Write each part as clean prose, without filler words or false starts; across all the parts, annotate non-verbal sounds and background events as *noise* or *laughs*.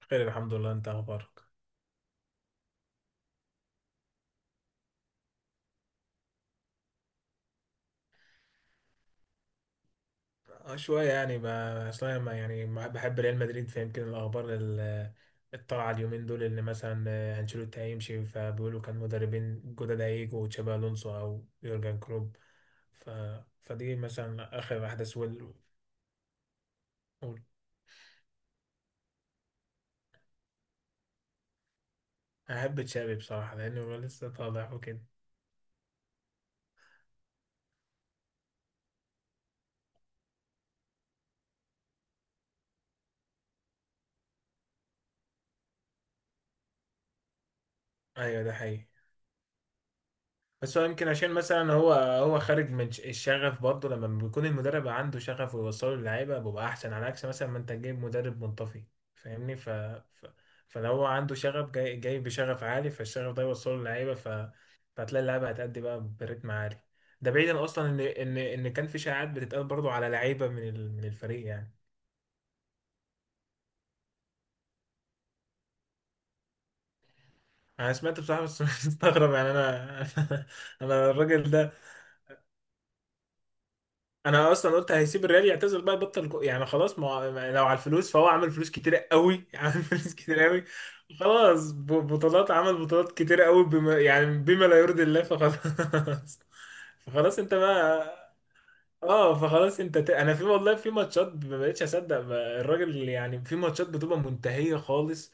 خير، الحمد لله. انت اخبارك؟ آه، شويه يعني اصلا ما يعني ما- بحب ريال مدريد فيمكن الاخبار الطالعه اليومين دول اللي مثلا انشيلوتي هيمشي، فبيقولوا كان مدربين جدد هيجوا تشابي الونسو او يورجن كلوب. ف... فدي مثلا اخر احداث وال- احب تشابي بصراحه، لانه هو لسه طالع وكده. ايوه، ده حقيقي. بس هو يمكن عشان مثلا هو خارج من الشغف برضه. لما بيكون المدرب عنده شغف ويوصله للعيبه بيبقى احسن، على عكس مثلا ما انت جايب مدرب منطفي. فاهمني؟ ف... فلو هو عنده شغف، جاي جاي بشغف عالي، فالشغف ده يوصله للعيبه، فهتلاقي اللعيبه هتأدي بقى برتم عالي. ده بعيدا اصلا ان كان في شائعات بتتقال برضه على لعيبه من الفريق يعني. انا سمعت بصراحه بس *laughs* مستغرب يعني. انا *laughs* انا الراجل ده، انا اصلا قلت هيسيب الريال يعتزل بقى يبطل يعني خلاص. ما هو- ما- لو على الفلوس فهو عمل فلوس كتير قوي *laughs* عمل فلوس كتير قوي. خلاص، بطولات عمل بطولات كتير قوي، بما يعني بما لا يرضي الله، فخلاص *laughs* فخلاص انت بقى. اه، فخلاص انت انا في والله في ماتشات ما بقتش اصدق بقى الراجل. يعني في ماتشات بتبقى منتهية خالص.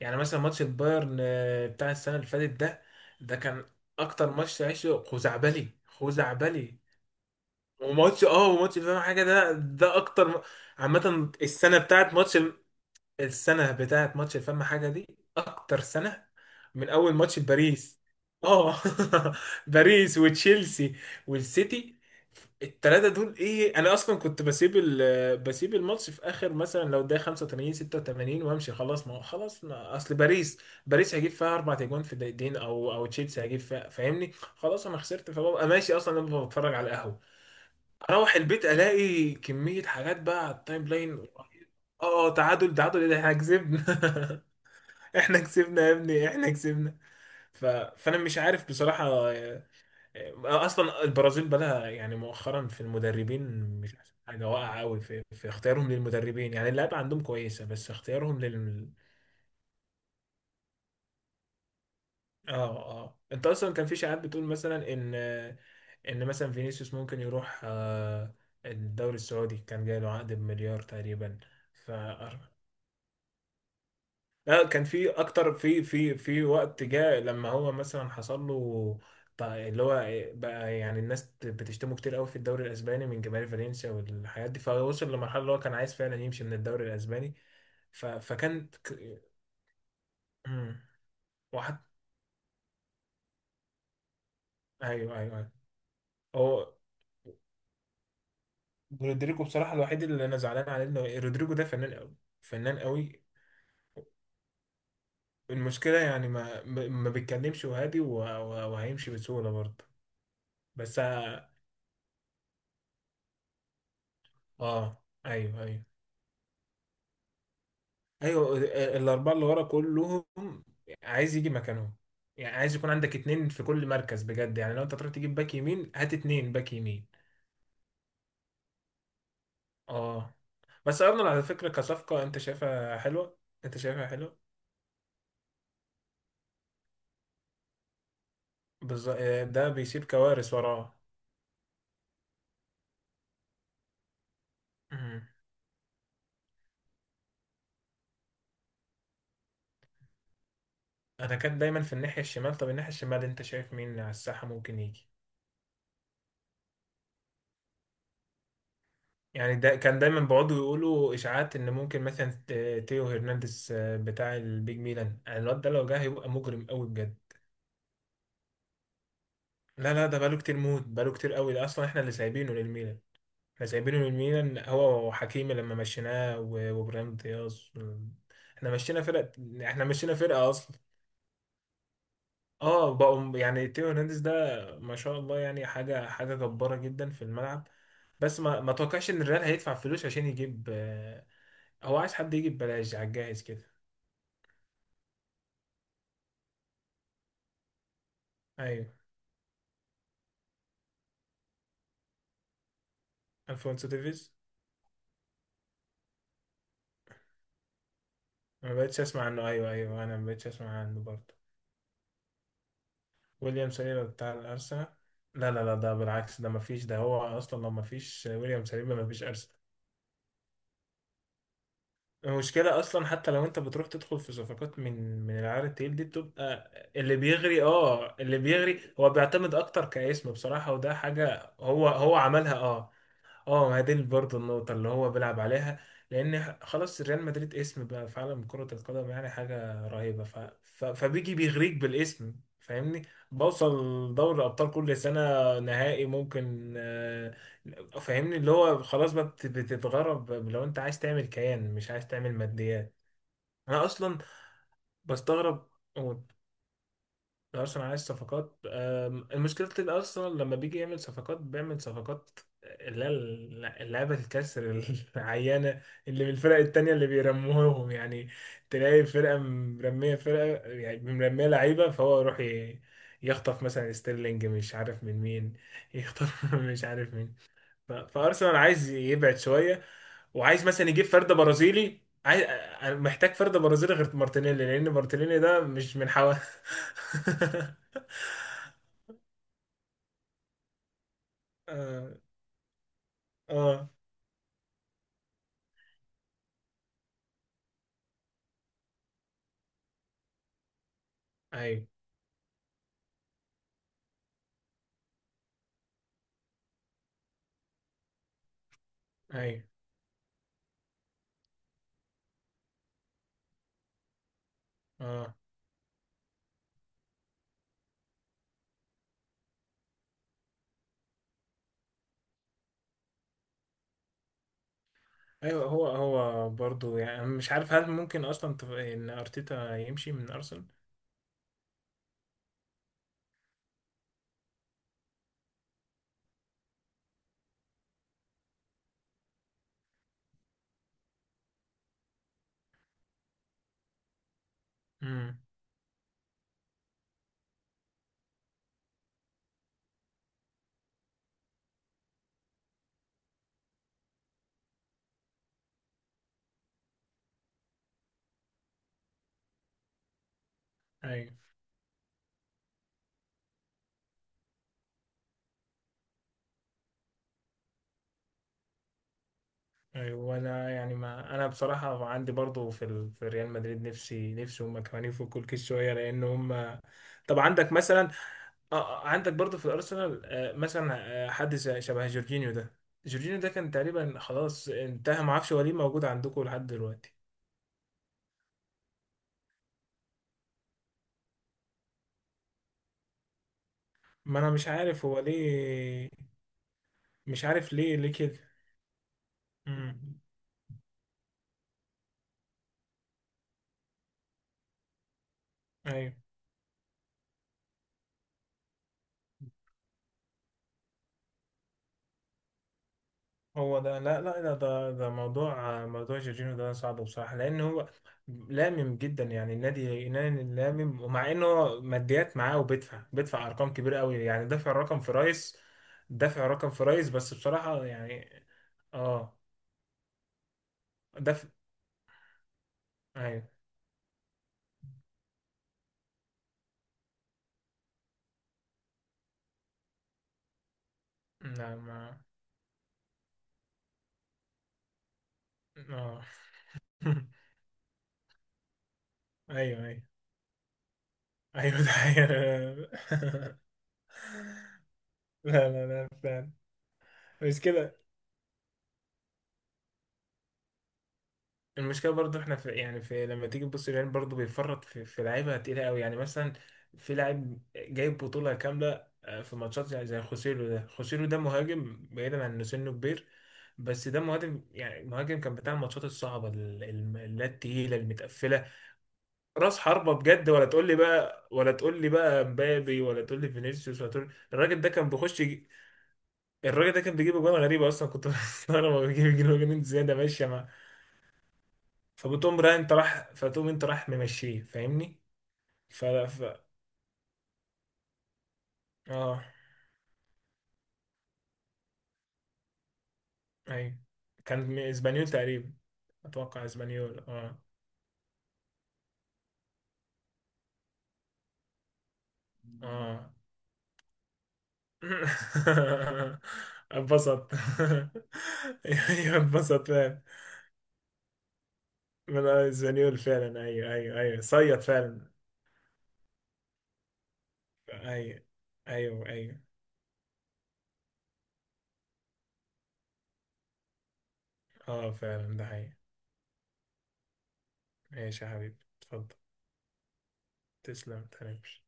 يعني مثلا ماتش البايرن بتاع السنة اللي فاتت ده، كان اكتر ماتش عشته، خزعبلي خزعبلي. وماتش وماتش فاهم حاجه ده، اكتر عامه السنه بتاعت ماتش السنه بتاعت ماتش فاهم حاجه دي اكتر سنه، من اول ماتش باريس. اه *laughs* باريس وتشيلسي والسيتي، الثلاثه دول. ايه، انا اصلا كنت بسيب بسيب الماتش في اخر، مثلا لو ده 85 86 وامشي خلاص. ما هو خلاص، ما اصل باريس باريس هيجيب فيها اربع اجوان في دقيقتين، او تشيلسي هيجيب فيها. فاهمني؟ خلاص انا خسرت فببقى ماشي. اصلا انا ببقى بتفرج على القهوه، اروح البيت الاقي كميه حاجات بقى على التايم لاين. اه، اه، تعادل تعادل ايه، ده احنا كسبنا *laughs* احنا كسبنا يا ابني، احنا كسبنا. فانا مش عارف بصراحه. اصلا البرازيل بقى لها يعني مؤخرا في المدربين مش أحسن حاجه، واقعه قوي في اختيارهم للمدربين. يعني اللعيبه عندهم كويسه، بس اختيارهم لل... اه. اه، انت اصلا كان في شائعات بتقول مثلا ان ان مثلا فينيسيوس ممكن يروح الدوري السعودي. كان جاي له عقد بمليار تقريبا. ف لا، كان في اكتر، في وقت جاء لما هو مثلا حصل له اللي هو بقى يعني الناس بتشتمه كتير قوي في الدوري الاسباني من جماهير فالنسيا والحاجات دي، فوصل لمرحله اللي هو كان عايز فعلا يمشي من الدوري الاسباني. ف فكان مم. واحد. ايوه، ايوه، ايوه. هو رودريجو بصراحه الوحيد اللي انا زعلان عليه، انه رودريجو ده فنان قوي، فنان قوي. المشكله يعني ما بيتكلمش وهادي، وهيمشي بسهوله برضه. بس اه، ايوه ايوه ايوه. الاربعه اللي ورا كلهم عايز يجي مكانهم. يعني عايز يكون عندك اتنين في كل مركز بجد. يعني لو انت تروح تجيب باك يمين، هات اتنين باك يمين. اه، بس ارنولد على فكره كصفقه انت شايفها حلوه؟ انت شايفها حلوه؟ بالظبط، ده بيسيب كوارث وراه. مم. انا كان دايما في الناحيه الشمال. طب الناحيه الشمال انت شايف مين على الساحه ممكن يجي؟ يعني ده كان دايما بيقعدوا يقولوا اشاعات ان ممكن مثلا تيو هرنانديز بتاع البيج ميلان. يعني الواد ده لو جه هيبقى مجرم قوي بجد. لا لا، ده بقاله كتير موت، بقاله كتير قوي، ده اصلا احنا اللي سايبينه للميلان. احنا سايبينه للميلان هو وحكيمي لما مشيناه وابراهيم دياز. احنا مشينا فرقة، احنا مشينا فرقة اصلا. اه، بقوا يعني تيو هرنانديز ده ما شاء الله، يعني حاجة حاجة جبارة جدا في الملعب. بس ما توقعش ان الريال هيدفع فلوس عشان يجيب، آه، هو عايز حد يجيب ببلاش على الجاهز كده. ايوه، الفونسو ديفيز. أنا ما بقتش اسمع عنه، ايوه ايوه، انا ما بقتش اسمع عنه برضه. ويليام سليبا بتاع الارسنال؟ لا لا لا، ده بالعكس، ده مفيش. ده هو اصلا لو مفيش ويليام سليبا مفيش ارسنال. المشكله اصلا حتى لو انت بتروح تدخل في صفقات من العيار التقيل دي، بتبقى اللي بيغري، اه اللي بيغري. هو بيعتمد اكتر كاسم بصراحه، وده حاجه هو عملها. اه، اه ما هي دي برضه النقطة اللي هو بيلعب عليها. لأن خلاص، ريال مدريد اسم بقى في عالم كرة القدم، يعني حاجة رهيبة. فبيجي بيغريك بالاسم، فاهمني؟ بوصل دوري أبطال كل سنة، نهائي ممكن، فاهمني. اللي هو خلاص بقى بتتغرب، لو أنت عايز تعمل كيان مش عايز تعمل ماديات. أنا أصلا بستغرب. أرسنال عايز صفقات؟ المشكلة الأرسنال لما بيجي يعمل صفقات، بيعمل صفقات اللي هي اللعبة الكسر *laughs* العيانة، اللي من الفرق التانية اللي بيرموهم يعني. تلاقي فرقة مرمية، فرقة يعني مرمية لعيبة، فهو يروح يخطف مثلا ستيرلينج مش عارف من مين، يخطف *laughs* مش عارف مين. فارسنال عايز يبعد شويه، وعايز مثلا يجيب فرد برازيلي. عايز، أنا محتاج فرد برازيلي غير مارتينيلي، لان مارتينيلي ده مش من حوا *laughs* اه، اه، ايوه ايوه، اه ايوه. هو برضو، يعني أنا مش عارف هل ممكن اصلا ان ارتيتا يمشي من ارسنال. امم. ايوه ايوه. وانا يعني، ما انا بصراحه عندي برضو في ريال مدريد، نفسي نفسي هم كمان يفكوا الكيس شويه، لان هم. طب عندك مثلا، عندك برضو في الارسنال، مثلا حد شبه جورجينيو ده. جورجينيو ده كان تقريبا خلاص انتهى، ما اعرفش هو ليه موجود عندكم لحد دلوقتي. ما انا مش عارف هو ليه. مش عارف ليه، ليه كده. امم. ايوه، هو ده. لا لا، ده موضوع، موضوع جورجينيو ده صعب بصراحة، لان هو لامم جدا. يعني النادي نادي لامم، ومع انه هو ماديات معاه وبيدفع، ارقام كبيرة قوي، يعني دافع رقم في رايس، دافع رقم في رايس، بس بصراحة يعني اه. ده في... ايوه. لا ما، اه *laughs* ايوه ايوه ايوه، ده حقيقة. *laughs* لا لا لا، فعلا مش كده. المشكله برضو احنا، في يعني في لما تيجي تبص، الريال برضو بيفرط في لعيبه تقيله قوي. يعني مثلا في لاعب جايب بطوله كامله، في ماتشات زي، خوسيلو ده. خوسيلو ده مهاجم، بعيدا عن انه سنه كبير، بس ده مهاجم. يعني مهاجم كان بتاع الماتشات الصعبه اللي هي التقيله المتقفله. راس حربة بجد، ولا تقول لي بقى، ولا تقول لي بقى مبابي، ولا تقول لي فينيسيوس، ولا تقول. الراجل ده كان بيخش يجي... الراجل ده كان بيجيب اجوان غريبة اصلا، كنت *laughs* بستغرب. هو بيجيب اجوان جنون زيادة ماشية مع، فبتقوم رايح، انت راح فتقوم، انت راح ممشيه، فاهمني؟ ف... ف... اه، ايوه. كان من اسبانيول تقريبا، اتوقع اسبانيول، اه. اه *laughs* اتبسط. *laughs* ايوه اتبسط فعلا. من، آه، اسبانيول فعلا. ايوه ايوه ايوه، صيط فعلا. ايوه ايوه ايوه، اه فعلا، ده حقيقي. ماشي يا حبيبي. اتفضل. تسلم، متهنكش.